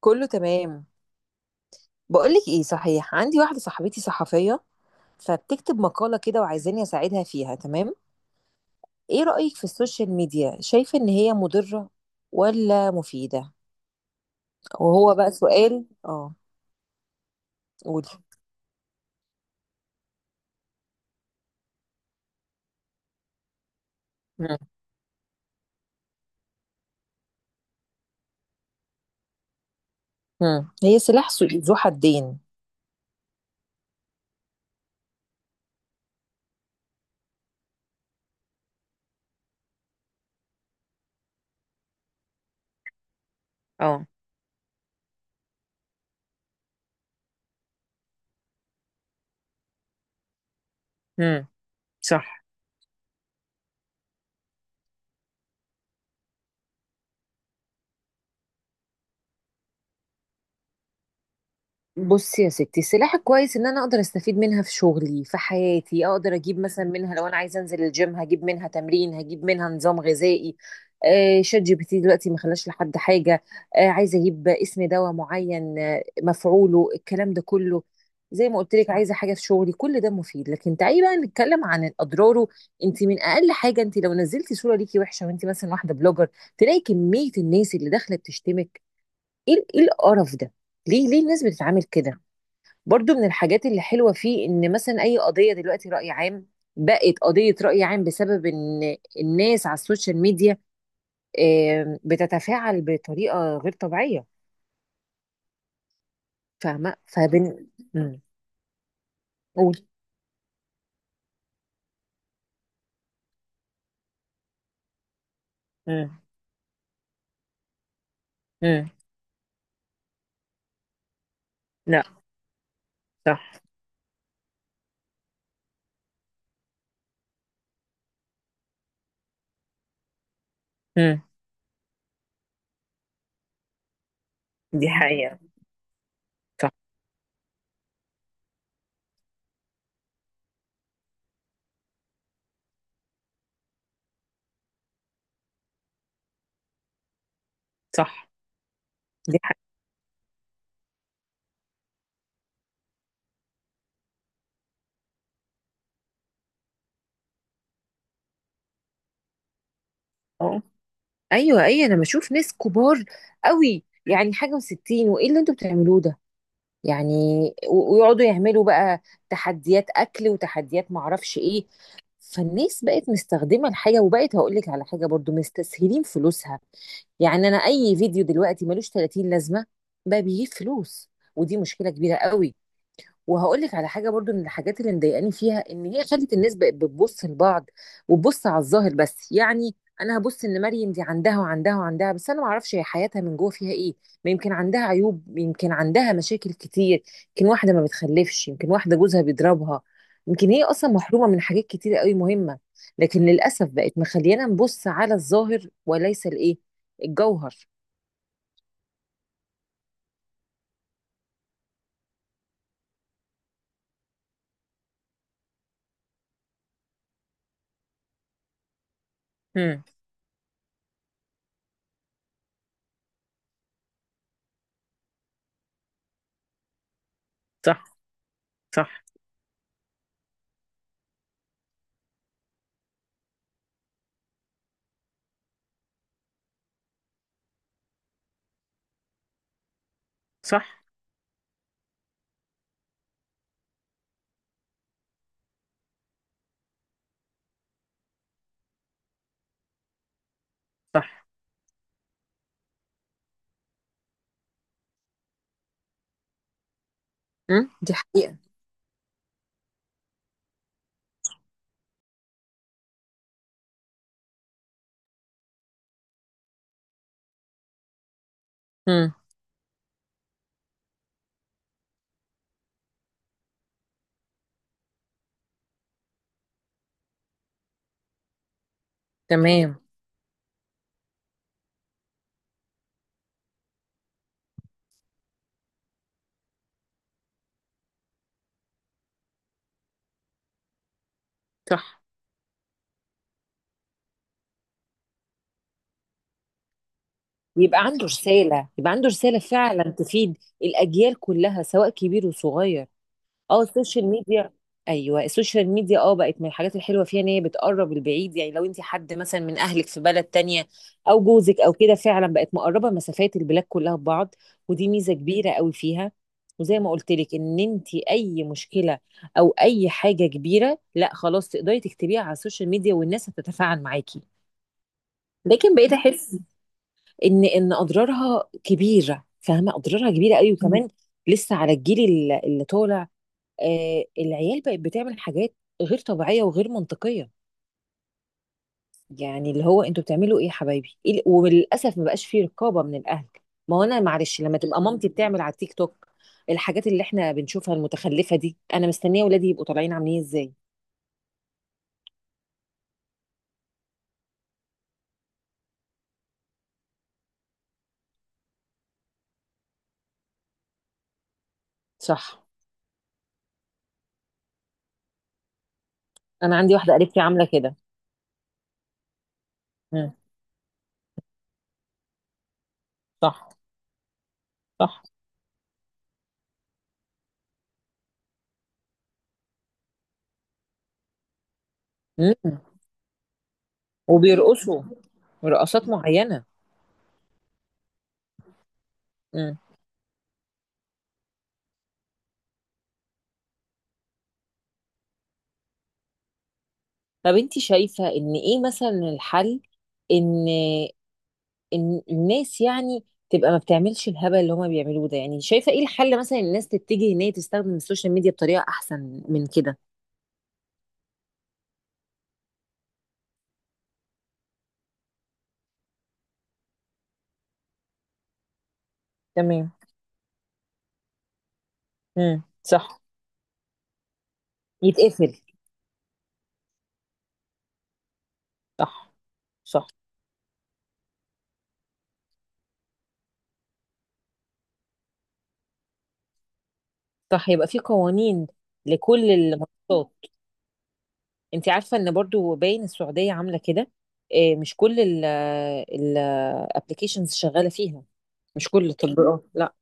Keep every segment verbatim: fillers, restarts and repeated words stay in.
كله تمام. بقولك ايه صحيح، عندي واحدة صاحبتي صحفية فبتكتب مقالة كده وعايزاني اساعدها فيها، تمام؟ ايه رأيك في السوشيال ميديا، شايفة ان هي مضرة ولا مفيدة؟ وهو بقى سؤال اه. قولي. مم. مم. هي سلاح ذو ذو حدين. اه. مم. صح. بصي يا ستي، السلاحة كويس ان انا اقدر استفيد منها في شغلي في حياتي، اقدر اجيب مثلا منها، لو انا عايزه انزل الجيم هجيب منها تمرين، هجيب منها نظام غذائي. آه شات جي بي تي دلوقتي ما خلاش لحد حاجه. آه، عايزه اجيب اسم دواء معين، آه مفعوله، الكلام ده كله زي ما قلت لك، عايزه حاجه في شغلي، كل ده مفيد. لكن تعالي بقى نتكلم عن اضراره. انت من اقل حاجه، انت لو نزلتي صوره ليكي وحشه وانت مثلا واحده بلوجر، تلاقي كميه الناس اللي داخله بتشتمك. ايه إيه القرف ده، ليه ليه الناس بتتعامل كده؟ برضو من الحاجات اللي حلوة فيه، إن مثلا أي قضية دلوقتي رأي عام، بقت قضية رأي عام بسبب إن الناس على السوشيال ميديا آم، بتتفاعل بطريقة غير طبيعية. فاهمة؟ فبن مم. قول. مم. مم. لا. صح. مم. دي حقيقة. صح. صح. دي حقيقة. أه. أيوة أيوة، أنا بشوف ناس كبار قوي يعني، حاجة وستين، وإيه اللي أنتوا بتعملوه ده يعني؟ و- ويقعدوا يعملوا بقى تحديات اكل وتحديات معرفش ايه. فالناس بقت مستخدمه الحاجه، وبقت هقول لك على حاجه برضو، مستسهلين فلوسها. يعني انا اي فيديو دلوقتي ملوش ثلاثين لازمه، بقى بيجيب فلوس. ودي مشكله كبيره قوي. وهقول لك على حاجه برضو من الحاجات اللي مضايقاني فيها، ان هي خلت الناس بقت بتبص لبعض، وتبص على الظاهر بس يعني. انا هبص ان مريم دي عندها وعندها وعندها، بس انا ما اعرفش هي حياتها من جوه فيها ايه. ما يمكن عندها عيوب، يمكن عندها مشاكل كتير، يمكن واحده ما بتخلفش، يمكن واحده جوزها بيضربها، يمكن هي اصلا محرومه من حاجات كتير قوي مهمه. لكن للاسف بقت مخليانا نبص على الظاهر، وليس الايه الجوهر. امم صح. صح. صح. صح. امم دي حقيقه. امم. تمام. صح، يبقى عنده رسالة، يبقى عنده رسالة فعلا تفيد الأجيال كلها سواء كبير وصغير. اه السوشيال ميديا. ايوه، السوشيال ميديا اه بقت من الحاجات الحلوة فيها ان هي بتقرب البعيد، يعني لو انت حد مثلا من اهلك في بلد تانية او جوزك او كده، فعلا بقت مقربة مسافات البلاد كلها ببعض. ودي ميزة كبيرة قوي فيها. وزي ما قلت لك، ان انت اي مشكلة او اي حاجة كبيرة، لا خلاص، تقدري تكتبيها على السوشيال ميديا والناس هتتفاعل معاكي. لكن بقيت احس ان ان اضرارها كبيره، فاهمه اضرارها كبيره قوي. مم. وكمان لسه على الجيل ال- اللي طالع، آه العيال بقت بتعمل حاجات غير طبيعيه وغير منطقيه. يعني اللي هو انتوا بتعملوا ايه يا حبايبي؟ إيه ال- وللاسف ما بقاش فيه رقابه من الاهل. ما هو انا معلش، لما تبقى مامتي بتعمل على التيك توك الحاجات اللي احنا بنشوفها المتخلفه دي، انا مستنيه ولادي يبقوا طالعين عاملين ازاي؟ صح. انا عندي واحده قريبتي عامله كده. مم. صح. صح. مم. وبيرقصوا رقصات معينه. طب انت شايفة ان ايه مثلا الحل؟ ان ان الناس يعني تبقى ما بتعملش الهبل اللي هما بيعملوه ده يعني، شايفة ايه الحل مثلا، الناس تتجه ان هي تستخدم السوشيال ميديا بطريقة احسن من كده؟ تمام. امم صح. يتقفل. صح. صح. صح، يبقى في قوانين لكل المنصات. انت عارفة ان برضو باين السعودية عاملة كده؟ اه، مش كل الابلكيشنز شغالة فيها، مش كل التطبيقات، لا.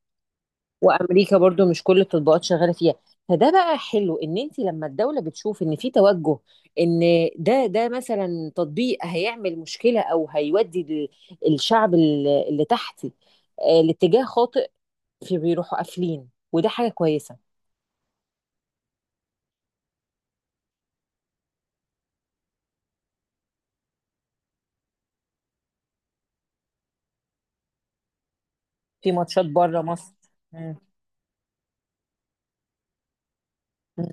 وامريكا برضو مش كل التطبيقات شغاله فيها. فده بقى حلو ان انت لما الدوله بتشوف ان في توجه ان ده ده مثلا تطبيق هيعمل مشكله، او هيودي ال- الشعب ال- اللي تحتي آه، لاتجاه خاطئ، في بيروحوا قافلين، وده حاجه كويسه. في ماتشات بره مصر. مم. مم.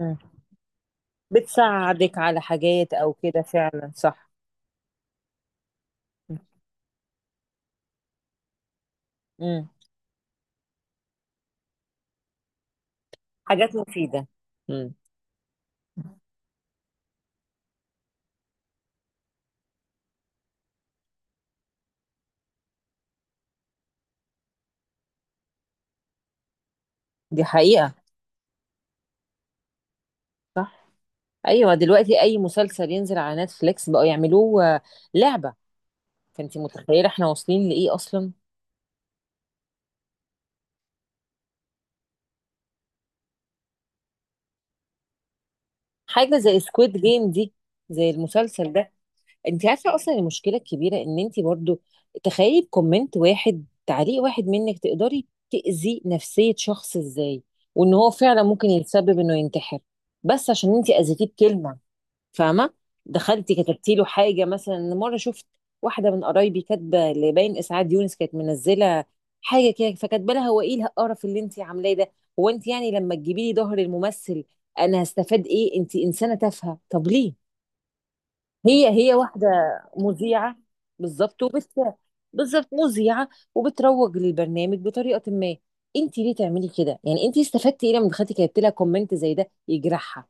مم. بتساعدك على حاجات او كده، فعلا صح. مم. حاجات مفيده. مم. دي حقيقه. صح. ايوه، دلوقتي اي مسلسل ينزل على نتفليكس بقوا يعملوه آه، لعبه. فانت متخيله احنا واصلين لايه اصلا؟ حاجه زي سكويد جيم دي، زي المسلسل ده. انت عارفه اصلا المشكله الكبيره ان انت برضو، تخيلي بكومنت واحد، تعليق واحد منك تقدري تاذي نفسيه شخص ازاي؟ وان هو فعلا ممكن يتسبب انه ينتحر، بس عشان انت اذيتيه بكلمه. فاهمه؟ دخلتي كتبتي له حاجه. مثلا مره شفت واحده من قرايبي كاتبه لباين اسعاد يونس، كانت منزله حاجه كده، فكاتبه لها: هو ايه القرف اللي انت عاملاه ده؟ هو انت يعني لما تجيبي لي ظهر الممثل انا هستفاد ايه؟ انت انسانه تافهه. طب ليه؟ هي هي واحده مذيعه. بالظبط. وبت، بالظبط مذيعه، وبتروج للبرنامج بطريقه ما. انت ليه تعملي كده؟ يعني انت استفدتي ايه لما دخلتي كتبتي لها كومنت زي ده يجرحها؟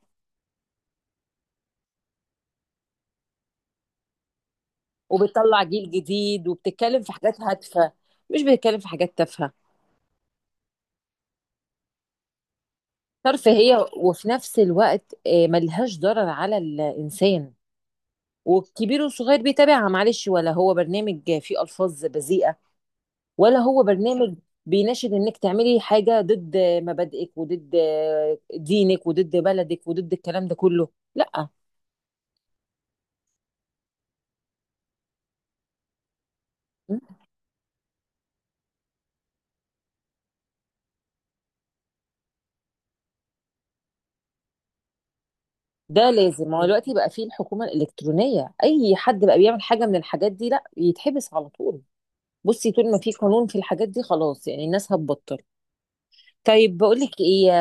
وبتطلع جيل جديد، وبتتكلم في حاجات هادفة، مش بتتكلم في حاجات تافهة. ترفيهية وفي نفس الوقت آه، ملهاش ضرر على الإنسان، والكبير والصغير بيتابعها. معلش ولا هو برنامج فيه ألفاظ بذيئة، ولا هو برنامج بيناشد انك تعملي حاجة ضد مبادئك وضد آه، دينك وضد بلدك وضد الكلام ده كله. لا. ده لازم، هو دلوقتي بقى فيه الحكومة الإلكترونية، أي حد بقى بيعمل حاجة من الحاجات دي لا يتحبس على طول. بصي، طول ما في قانون في الحاجات دي، خلاص يعني الناس هتبطل. طيب بقول لك ايه،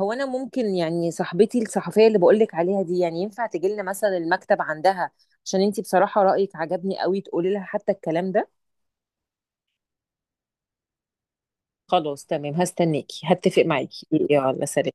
هو انا ممكن يعني صاحبتي الصحفيه اللي بقول لك عليها دي، يعني ينفع تجي لنا مثلا المكتب عندها؟ عشان انتي بصراحه رايك عجبني قوي، تقولي لها حتى الكلام ده. خلاص تمام، هستناكي، هتفق معاكي، يلا سلام.